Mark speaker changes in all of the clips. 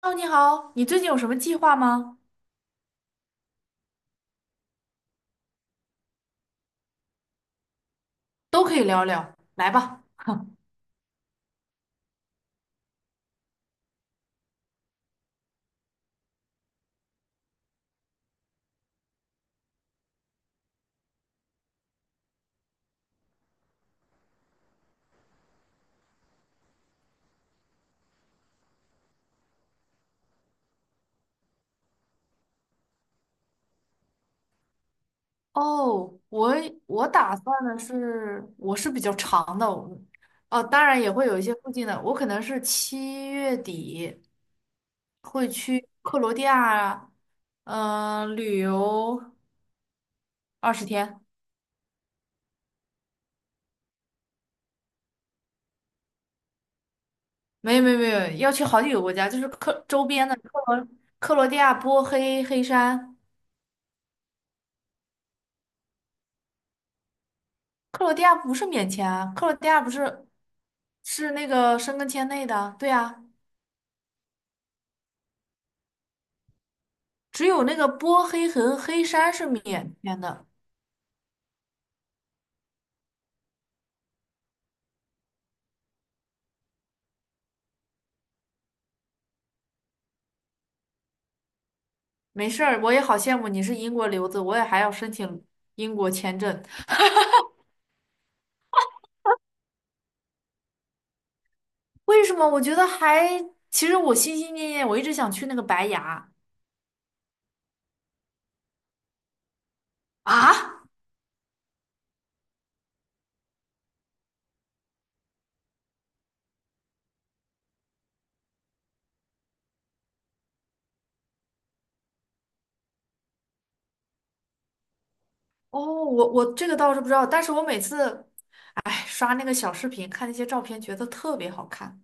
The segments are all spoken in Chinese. Speaker 1: 哦，你好，你最近有什么计划吗？都可以聊聊，来吧。哦，我打算的是，我是比较长的，哦，当然也会有一些附近的，我可能是七月底会去克罗地亚，旅游20天，没有没有没有，要去好几个国家，就是克周边的克罗地亚、波黑、黑山，克罗地亚不是免签啊，克罗地亚不是是那个申根签内的，对呀。只有那个波黑和黑山是免签的。没事儿，我也好羡慕你是英国留子，我也还要申请英国签证。为什么？我觉得还，其实我心心念念，我一直想去那个白崖啊。哦，我这个倒是不知道，但是我每次哎刷那个小视频，看那些照片，觉得特别好看。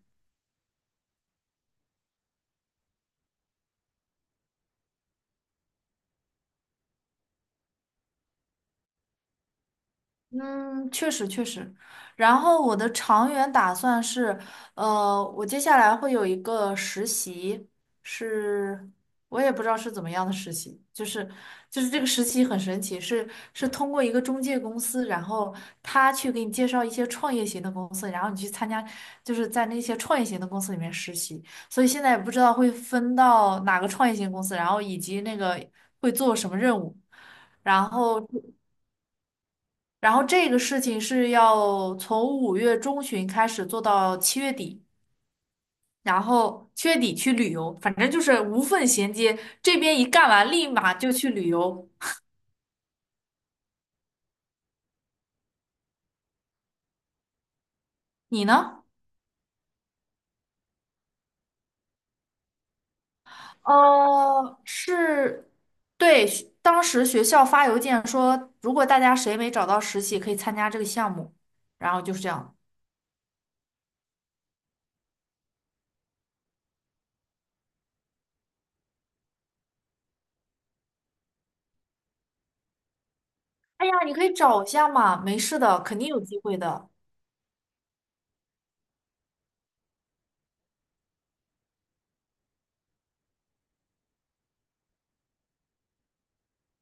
Speaker 1: 嗯，确实确实。然后我的长远打算是，我接下来会有一个实习，是我也不知道是怎么样的实习，就是这个实习很神奇，是通过一个中介公司，然后他去给你介绍一些创业型的公司，然后你去参加，就是在那些创业型的公司里面实习。所以现在也不知道会分到哪个创业型公司，然后以及那个会做什么任务，然后。然后这个事情是要从5月中旬开始做到七月底，然后七月底去旅游，反正就是无缝衔接，这边一干完立马就去旅游。你呢？是，对，当时学校发邮件说，如果大家谁没找到实习，可以参加这个项目，然后就是这样。哎呀，你可以找一下嘛，没事的，肯定有机会的。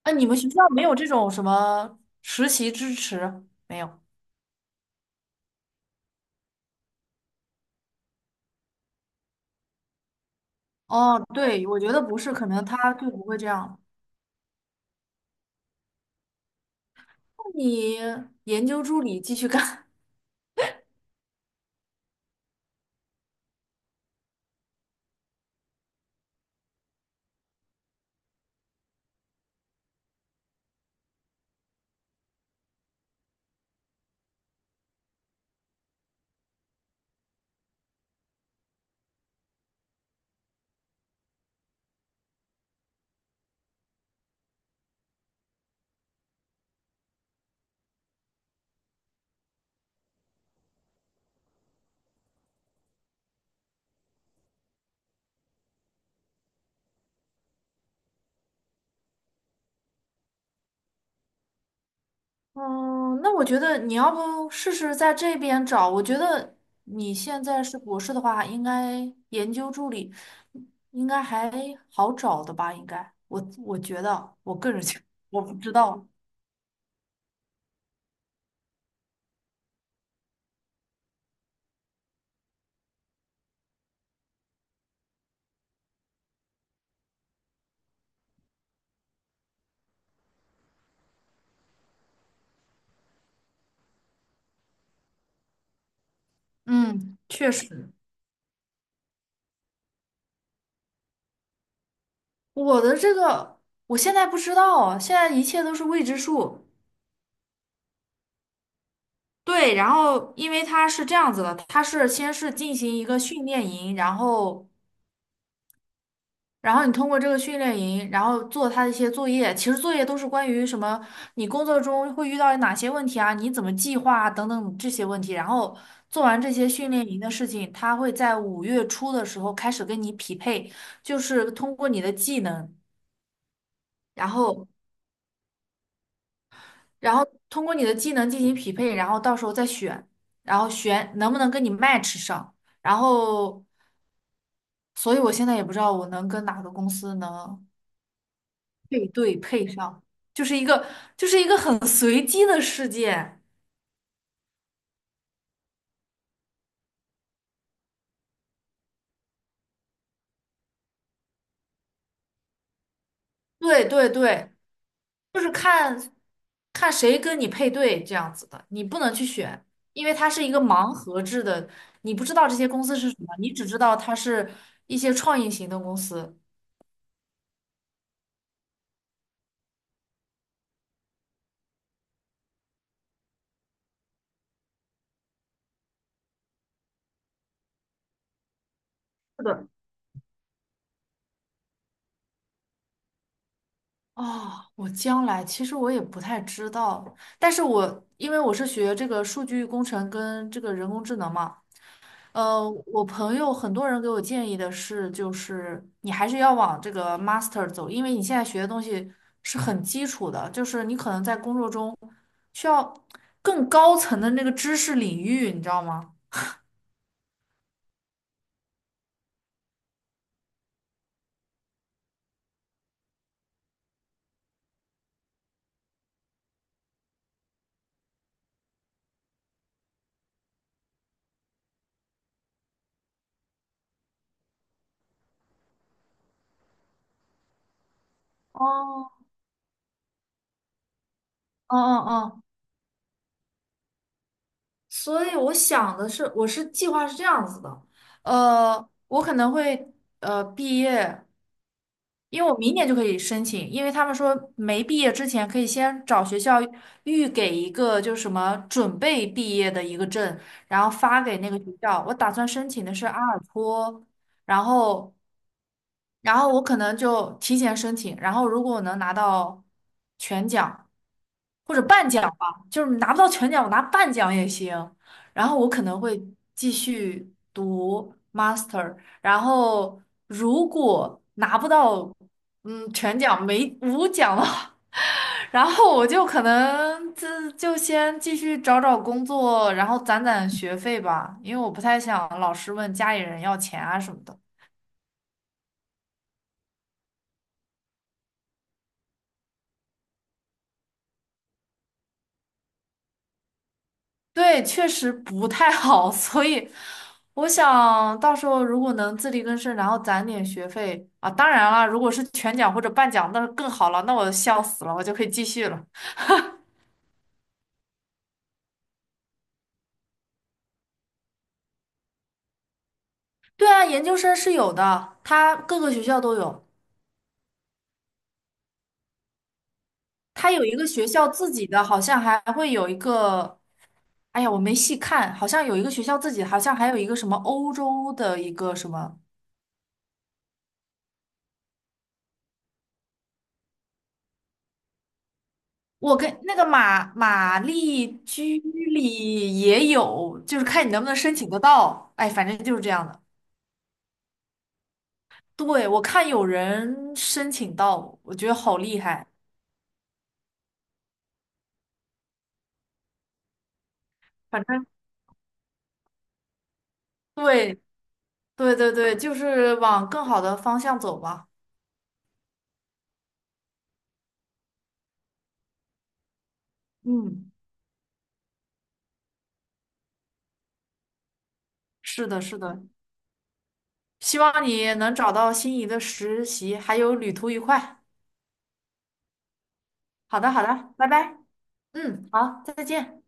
Speaker 1: 哎，你们学校没有这种什么实习支持？没有。哦，对，我觉得不是，可能他就不会这样。那你研究助理继续干。嗯，那我觉得你要不试试在这边找？我觉得你现在是博士的话，应该研究助理应该还好找的吧？应该，我觉得，我个人 觉得，我不知道。嗯，确实，我的这个我现在不知道啊，现在一切都是未知数。对，然后因为它是这样子的，它是先是进行一个训练营，然后，然后你通过这个训练营，然后做它的一些作业，其实作业都是关于什么，你工作中会遇到哪些问题啊，你怎么计划啊等等这些问题，然后做完这些训练营的事情，它会在5月初的时候开始跟你匹配，就是通过你的技能，然后，然后通过你的技能进行匹配，然后到时候再选，然后选能不能跟你 match 上。然后所以我现在也不知道我能跟哪个公司能配对配上，就是一个就是一个很随机的事件。对对对，就是看看谁跟你配对这样子的，你不能去选，因为它是一个盲盒制的，你不知道这些公司是什么，你只知道它是一些创意型的公司。是的。哦，我将来其实我也不太知道，但是我因为我是学这个数据工程跟这个人工智能嘛。我朋友很多人给我建议的是，就是你还是要往这个 master 走，因为你现在学的东西是很基础的，就是你可能在工作中需要更高层的那个知识领域，你知道吗？哦，嗯嗯嗯，所以我想的是，我是计划是这样子的，我可能会毕业，因为我明年就可以申请，因为他们说没毕业之前可以先找学校预给一个就是什么准备毕业的一个证，然后发给那个学校。我打算申请的是阿尔托，然后我可能就提前申请，然后如果我能拿到全奖或者半奖吧，就是拿不到全奖，我拿半奖也行。然后我可能会继续读 master，然后如果拿不到全奖没无奖了，然后我就可能就先继续找找工作，然后攒攒学费吧，因为我不太想老是问家里人要钱啊什么的。对，确实不太好，所以我想到时候如果能自力更生，然后攒点学费啊，当然了，如果是全奖或者半奖，那更好了，那我笑死了，我就可以继续了。对啊，研究生是有的，它各个学校都有，它有一个学校自己的，好像还会有一个，哎呀，我没细看，好像有一个学校自己，好像还有一个什么欧洲的一个什么。我跟那个马丽居里也有，就是看你能不能申请得到。哎，反正就是这样的。对，我看有人申请到，我觉得好厉害。反正对对对对，就是往更好的方向走吧。嗯，是的，是的，希望你能找到心仪的实习，还有旅途愉快。好的，好的，拜拜。嗯，好，再见。